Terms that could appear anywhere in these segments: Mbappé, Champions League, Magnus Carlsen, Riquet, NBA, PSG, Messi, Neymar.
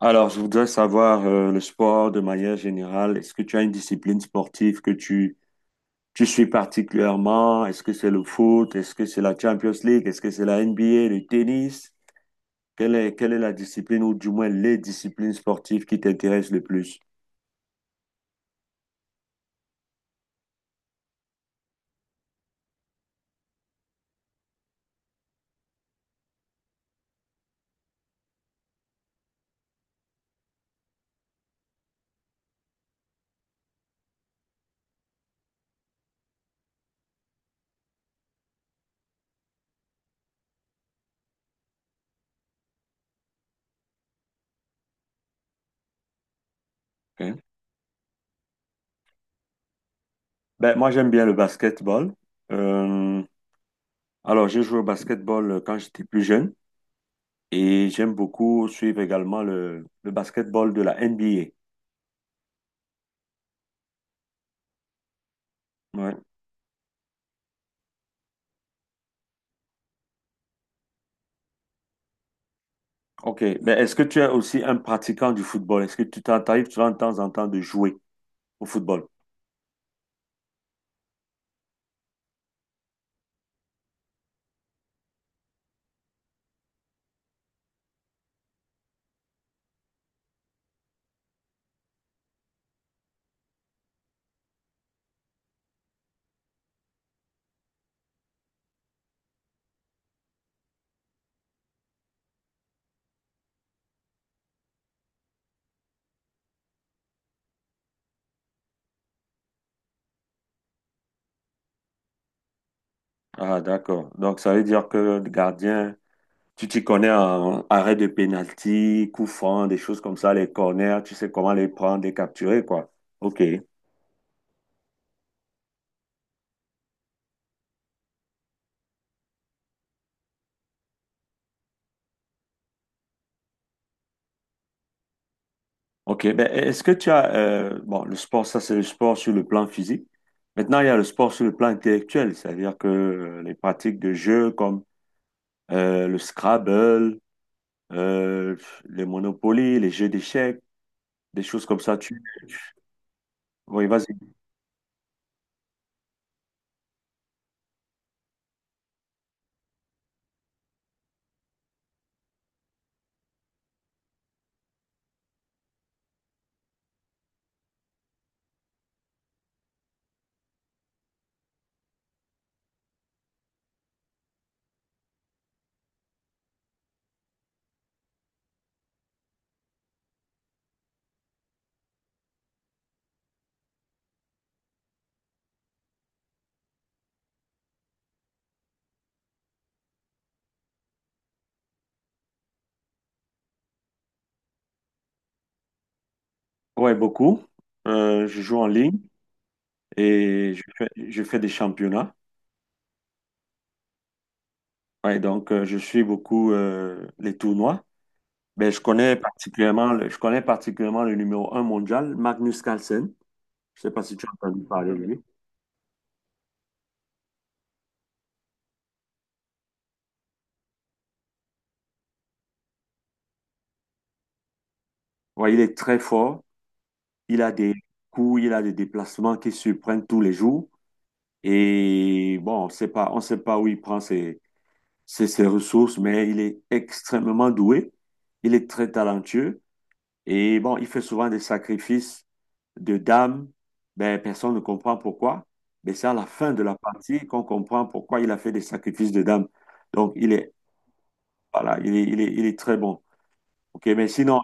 Alors, je voudrais savoir le sport de manière générale. Est-ce que tu as une discipline sportive que tu suis particulièrement? Est-ce que c'est le foot? Est-ce que c'est la Champions League? Est-ce que c'est la NBA, le tennis? Quelle est la discipline ou du moins les disciplines sportives qui t'intéressent le plus? Ok. Ben, moi, j'aime bien le basketball. Euh, alors, j'ai joué au basketball quand j'étais plus jeune et j'aime beaucoup suivre également le basketball de la NBA. Ouais. Ok, mais est-ce que tu es aussi un pratiquant du football? Est-ce que tu t'arrives souvent de temps en temps de jouer au football? Ah, d'accord. Donc, ça veut dire que le gardien, tu t'y connais en arrêt de pénalty, coup franc, des choses comme ça, les corners, tu sais comment les prendre, les capturer, quoi. Ok, ok. Ben, est-ce que tu as, bon, le sport, ça, c'est le sport sur le plan physique. Maintenant, il y a le sport sur le plan intellectuel, c'est-à-dire que les pratiques de jeux comme le Scrabble, euh, les Monopoly, les jeux d'échecs, des choses comme ça. Tu... Oui, vas-y. Ouais, beaucoup. Je joue en ligne et je fais des championnats. Ouais, donc je suis beaucoup les tournois. Mais je connais particulièrement le numéro un mondial, Magnus Carlsen. Je sais pas si tu as entendu parler de lui. Ouais, il est très fort. Il a des coups, il a des déplacements qui surprennent tous les jours. Et bon, on sait pas où il prend ses ressources, mais il est extrêmement doué. Il est très talentueux. Et bon, il fait souvent des sacrifices de dames. Ben, personne ne comprend pourquoi. Mais c'est à la fin de la partie qu'on comprend pourquoi il a fait des sacrifices de dames. Donc, il est, voilà, il est très bon. OK, mais sinon,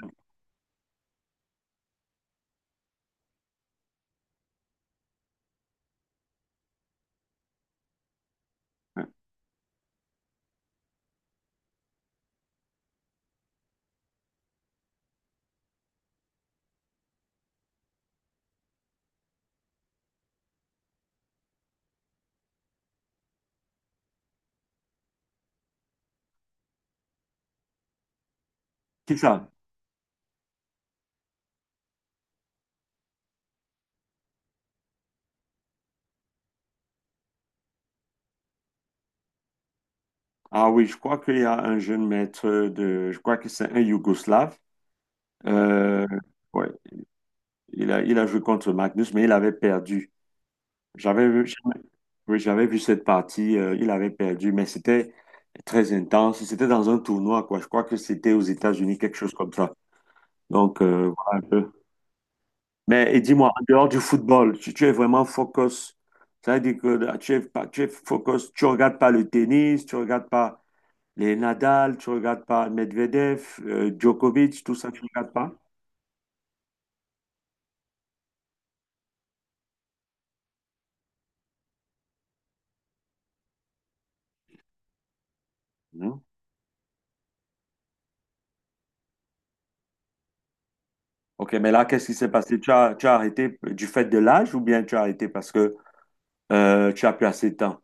hein, qui ça? Ah oui, je crois qu'il y a un je crois que c'est un Yougoslave. Euh, ouais, il a joué contre Magnus, mais il avait perdu. J'avais vu. Oui, j'avais vu cette partie, il avait perdu, mais c'était très intense. C'était dans un tournoi, quoi. Je crois que c'était aux États-Unis, quelque chose comme ça. Donc, voilà un peu. Mais et dis-moi, en dehors du football, tu es vraiment focus. Ça veut dire que tu es focus, tu regardes pas le tennis, tu regardes pas les Nadal, tu regardes pas Medvedev, Djokovic, tout ça, tu regardes pas? Non. Ok, mais là, qu'est-ce qui s'est passé? Tu as arrêté du fait de l'âge ou bien tu as arrêté parce que tu as plus assez de temps.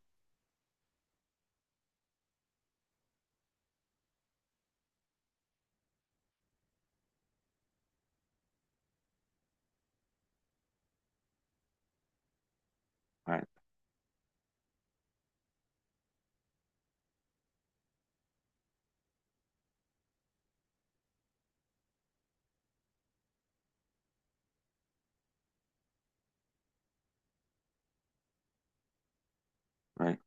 Ouais, ouais.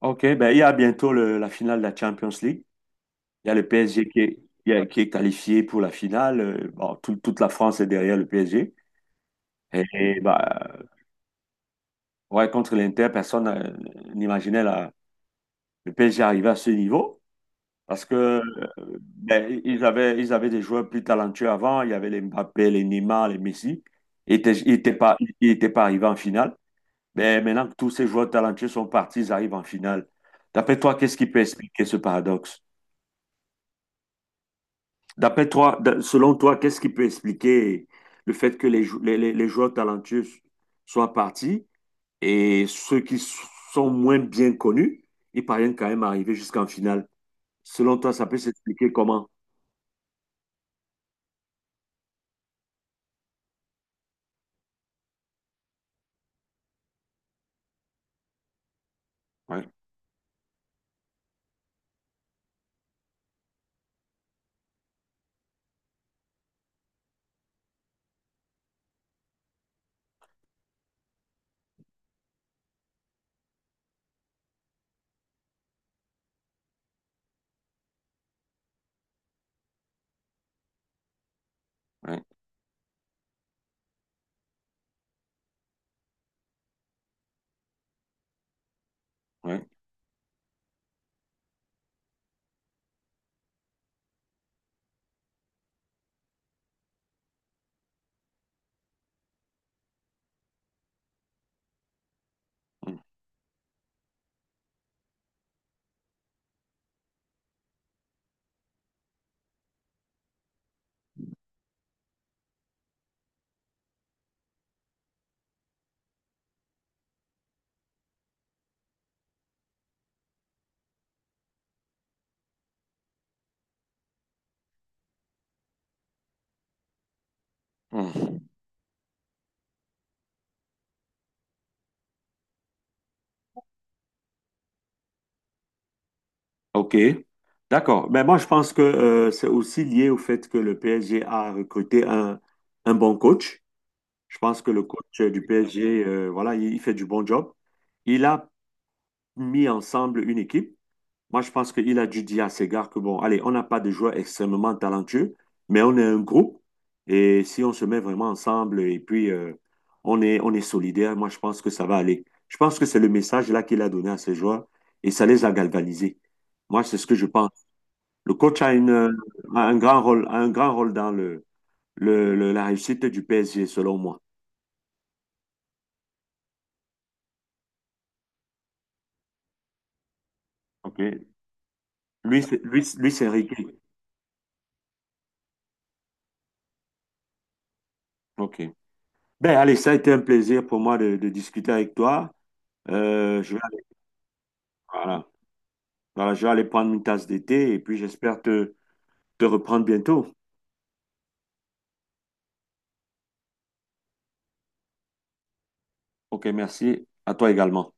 OK, ben, il y a bientôt la finale de la Champions League. Il y a le PSG qui est, qui est qualifié pour la finale. Bon, toute la France est derrière le PSG. Et, et, bah, ouais, contre l'Inter, personne n'imaginait le PSG arriver à ce niveau. Parce que ben, ils avaient des joueurs plus talentueux avant. Il y avait les Mbappé, les Neymar, les Messi. Ils étaient pas arrivés en finale. Mais maintenant que tous ces joueurs talentueux sont partis, ils arrivent en finale. D'après toi, qu'est-ce qui peut expliquer ce paradoxe? D'après toi, qu'est-ce qui peut expliquer le fait que les joueurs talentueux soient partis et ceux qui sont moins bien connus, ils parviennent quand même à arriver jusqu'en finale? Selon toi, ça peut s'expliquer comment? Ouais, ouais, ouais. Mmh, mmh. OK. D'accord. Mais moi, je pense que c'est aussi lié au fait que le PSG a recruté un bon coach. Je pense que le coach du PSG, voilà, il fait du bon job. Il a mis ensemble une équipe. Moi, je pense qu'il a dû dire à ses gars que, bon, allez, on n'a pas de joueurs extrêmement talentueux, mais on est un groupe. Et si on se met vraiment ensemble et puis on est solidaire, moi, je pense que ça va aller. Je pense que c'est le message là qu'il a donné à ses joueurs et ça les a galvanisés. Moi, c'est ce que je pense. Le coach a, une, a un grand rôle, a un grand rôle dans la réussite du PSG, selon moi. Ok. Lui, c'est Riquet. OK. Ben, allez, ça a été un plaisir pour moi de discuter avec toi. Je vais aller, voilà. Voilà, je vais aller prendre une tasse d'été et puis j'espère te reprendre bientôt. Ok, merci. À toi également.